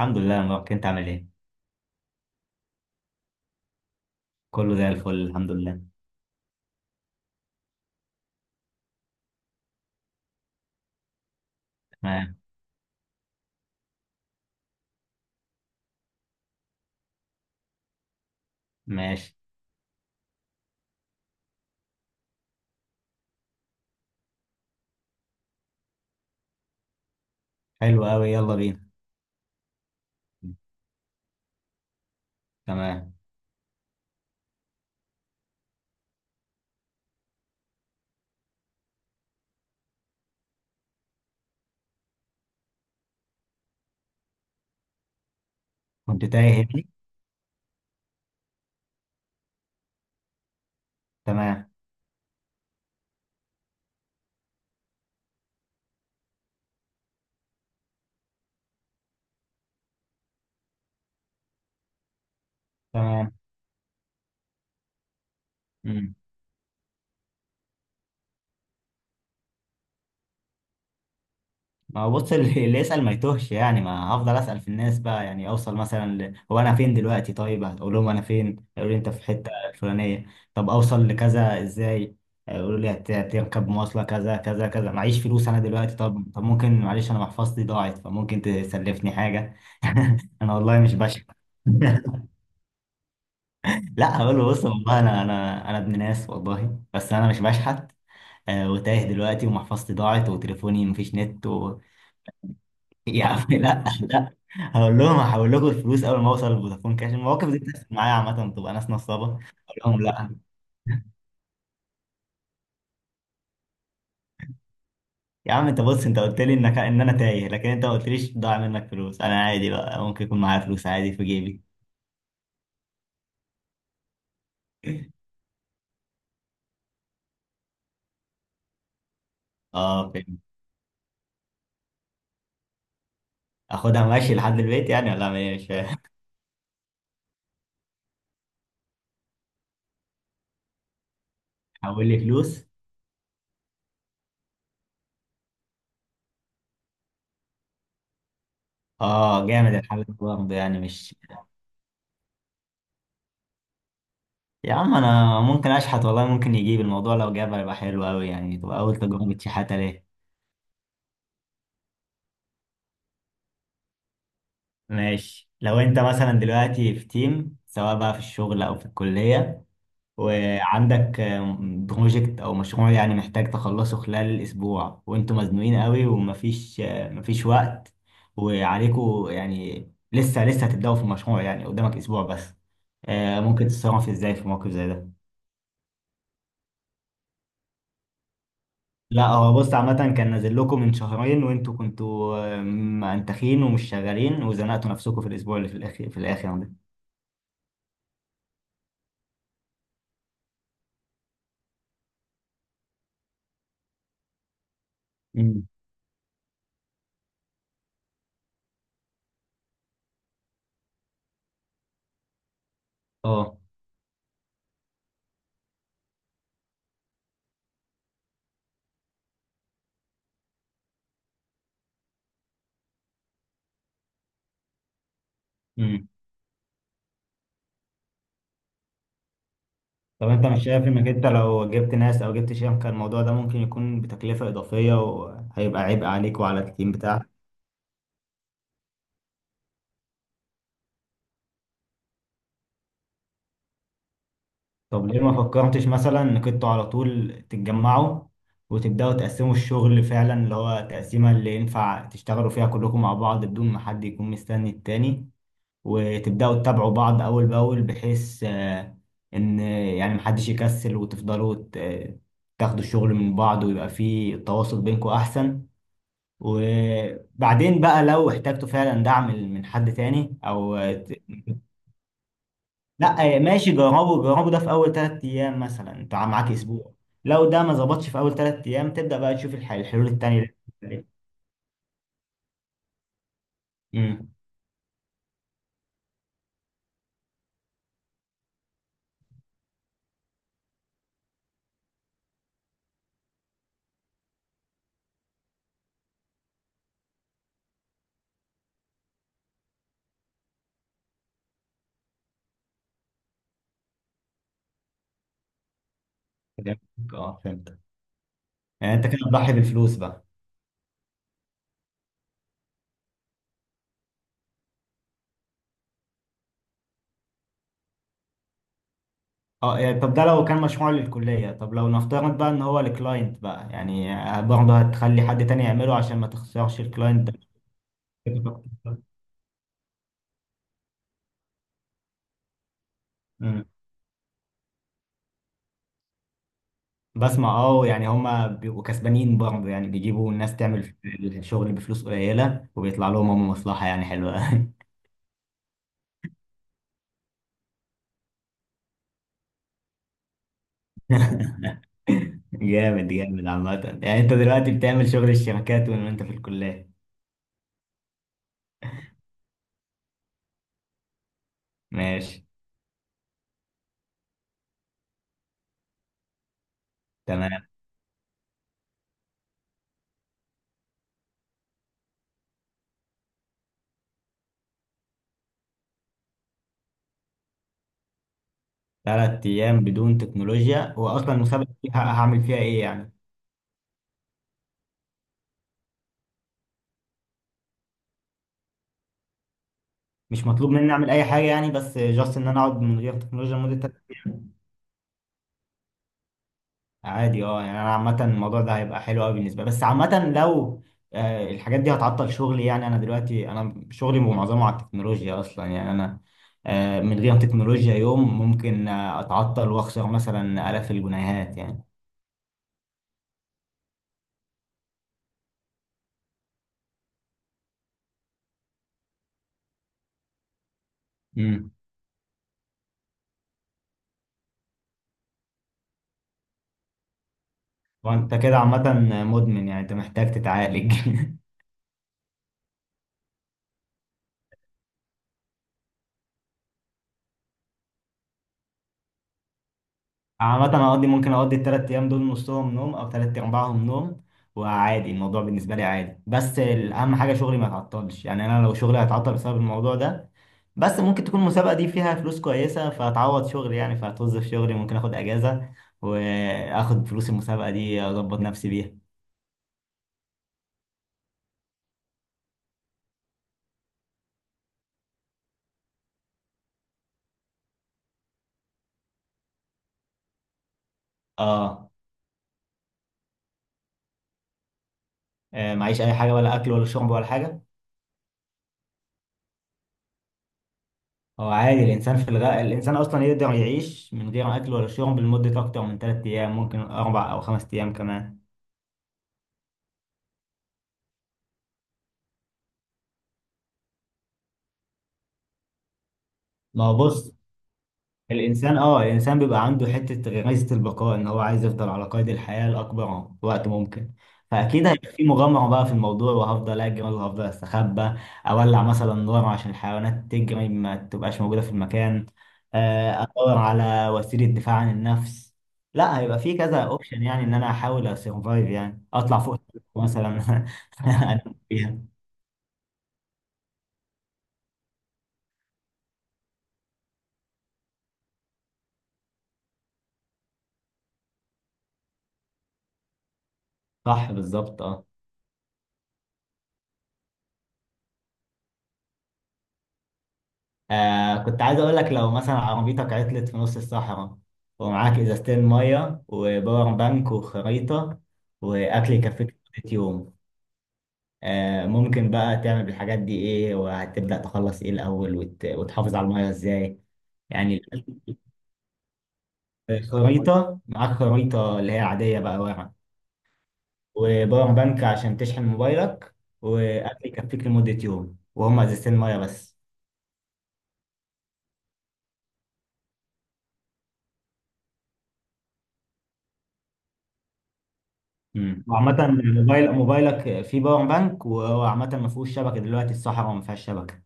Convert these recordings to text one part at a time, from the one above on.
الحمد لله يا مبارك، انت عامل ايه؟ كله زي الفل الحمد لله. تمام. ماشي. حلو قوي، يلا بينا. تمام. كنت تايه هنا. تمام. تمام. امم. ما هو بص، اللي يسأل ما يتوهش، يعني ما هفضل أسأل في الناس بقى، يعني اوصل مثلا هو انا فين دلوقتي؟ طيب هتقول لهم انا فين، يقولوا لي انت في الحتة الفلانية. طب اوصل لكذا ازاي؟ يقولوا لي هتركب مواصلة كذا كذا كذا، معيش فلوس انا دلوقتي، طب ممكن معلش، انا محفظتي ضاعت فممكن تسلفني حاجة؟ انا والله مش بشع. لا، هقول له بص والله انا ابن ناس والله، بس انا مش بشحت. وتايه دلوقتي ومحفظتي ضاعت وتليفوني مفيش نت. يا عم لا لا، هقول لهم هحول لكم الفلوس اول ما اوصل لفودافون كاش. المواقف دي بتحصل معايا عامه، بتبقى ناس نصابه، اقول لهم لا. يا عم انت بص، انت قلت لي انك انا تايه، لكن انت ما قلتليش ضاع منك فلوس، انا عادي بقى ممكن يكون معايا فلوس عادي في جيبي. اه فهمت. اخدها ماشي لحد البيت يعني ولا أعمل إيه؟ مش فاهم. حول لي فلوس. اه جامد الحل ده برضه، يعني مش. يا عم انا ممكن اشحت والله، ممكن يجيب الموضوع، لو جاب هيبقى حلو قوي، يعني تبقى اول تجربه شحاته ليه. ماشي، لو انت مثلا دلوقتي في تيم سواء بقى في الشغل او في الكليه، وعندك بروجكت او مشروع يعني، محتاج تخلصه خلال الاسبوع وانتوا مزنوقين قوي، ومفيش آه، مفيش وقت. وعليكوا يعني لسه هتبداوا في المشروع، يعني قدامك اسبوع بس. ممكن تتصرف ازاي في موقف زي ده؟ لا هو بص، عامة كان نازل لكم من شهرين وانتوا كنتوا منتخين ومش شغالين، وزنقتوا نفسكم في الأسبوع اللي في الأخير، في الآخر ده. مم. اه. امم. طب انت مش شايف انك انت لو جبت ناس او جبت شركة، كان الموضوع ده ممكن يكون بتكلفة إضافية وهيبقى عبء عليك وعلى التيم بتاعك؟ طب ليه ما فكرتش مثلا انك انتوا على طول تتجمعوا، وتبدأوا تقسموا الشغل فعلا، اللي هو تقسيمة اللي ينفع تشتغلوا فيها كلكم مع بعض بدون ما حد يكون مستني التاني، وتبدأوا تتابعوا بعض أول بأول، بحيث إن يعني محدش يكسل، وتفضلوا تاخدوا الشغل من بعض، ويبقى فيه التواصل بينكم أحسن. وبعدين بقى لو احتجتوا فعلا دعم من حد تاني. لا ماشي، جربوا جربوا ده في أول 3 أيام مثلا، أنت معاك أسبوع. لو ده ما ظبطش في أول 3 أيام، تبدأ بقى تشوف الحلول التانية. اللي- مم. فهمتك. اه فهمت. يعني أنت كده بتضحي بالفلوس بقى؟ اه يعني، طب ده لو كان مشروع للكلية، طب لو نفترض بقى ان هو لكلاينت بقى، يعني برضه هتخلي حد تاني يعمله عشان ما تخسرش الكلاينت ده؟ مم. بسمع اه، يعني هما بيبقوا كسبانين برضه، يعني بيجيبوا الناس تعمل الشغل بفلوس قليلة، وبيطلع لهم هم مصلحة يعني حلوة. جامد جامد، عامة يعني انت دلوقتي بتعمل شغل الشركات وانت في الكلية. ماشي. تمام. 3 ايام بدون تكنولوجيا؟ واصلا المسابقة دي هعمل فيها ايه يعني؟ مش مطلوب مني اعمل اي حاجه يعني، بس جاست ان انا اقعد من غير تكنولوجيا لمده 3 ايام؟ عادي اه، يعني انا عامه الموضوع ده هيبقى حلو قوي بالنسبه لي. بس عامه لو الحاجات دي هتعطل شغلي، يعني انا دلوقتي انا شغلي معظمه على التكنولوجيا اصلا، يعني انا من غير تكنولوجيا يوم ممكن اتعطل واخسر مثلا الاف الجنيهات يعني. امم. وانت كده عامه مدمن، يعني انت محتاج تتعالج. عامة ممكن أقضي التلات أيام دول نصهم نوم أو تلات أرباعهم نوم. وعادي، الموضوع بالنسبة لي عادي، بس الأهم حاجة شغلي ما يتعطلش، يعني أنا لو شغلي هيتعطل بسبب الموضوع ده، بس ممكن تكون المسابقة دي فيها فلوس كويسة فهتعوض شغلي، يعني فهتوظف شغلي، ممكن آخد أجازة وآخد فلوس المسابقة دي أظبط نفسي بيها. آه معيش أي حاجة؟ ولا أكل ولا شرب ولا حاجة؟ هو عادي الإنسان في الغاء، الإنسان أصلا يقدر يعيش من غير أكل ولا شرب لمدة أكتر من 3 أيام، ممكن 4 أو 5 أيام كمان. ما هو بص، الانسان بيبقى عنده حته غريزه البقاء، ان هو عايز يفضل على قيد الحياه لاكبر وقت ممكن. فاكيد هيبقى في مغامره بقى في الموضوع، وهفضل اجري وهفضل استخبى. اولع مثلا نار عشان الحيوانات تجري ما تبقاش موجوده في المكان. ادور على وسيله دفاع عن النفس. لا، هيبقى في كذا اوبشن، يعني ان انا احاول اسرفايف، يعني اطلع فوق مثلا. انام فيها. صح بالظبط اه. كنت عايز اقول لك، لو مثلا عربيتك عطلت في نص الصحراء ومعاك ازازتين ميه وباور بانك وخريطه واكل يكفيك لمده يوم، ممكن بقى تعمل بالحاجات دي ايه، وهتبدا تخلص ايه الاول وتحافظ على الميه ازاي؟ يعني. خريطه، معاك خريطه اللي هي عاديه بقى ورق. وباور بانك عشان تشحن موبايلك. واكل يكفيك لمده يوم، وهم ازازتين ميه بس. امم. وعامة موبايلك فيه باور بانك، وعامة ما فيهوش شبكة، دلوقتي الصحراء ما فيهاش شبكة.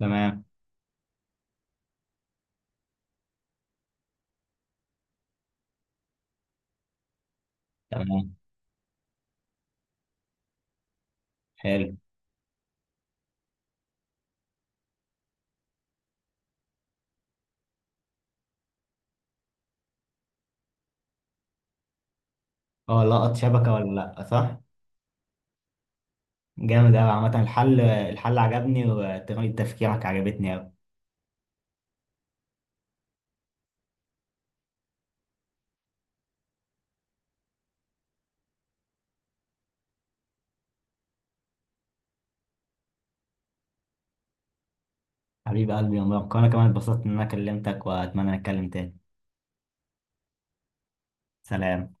تمام. تمام. حلو. اه، لقط شبكة ولا لأ، صح؟ جامد أوي، عامة الحل عجبني وطريقة تفكيرك عجبتني أوي. حبيب قلبي يا مبارك، وأنا كمان اتبسطت إن أنا كلمتك، وأتمنى نتكلم تاني. سلام.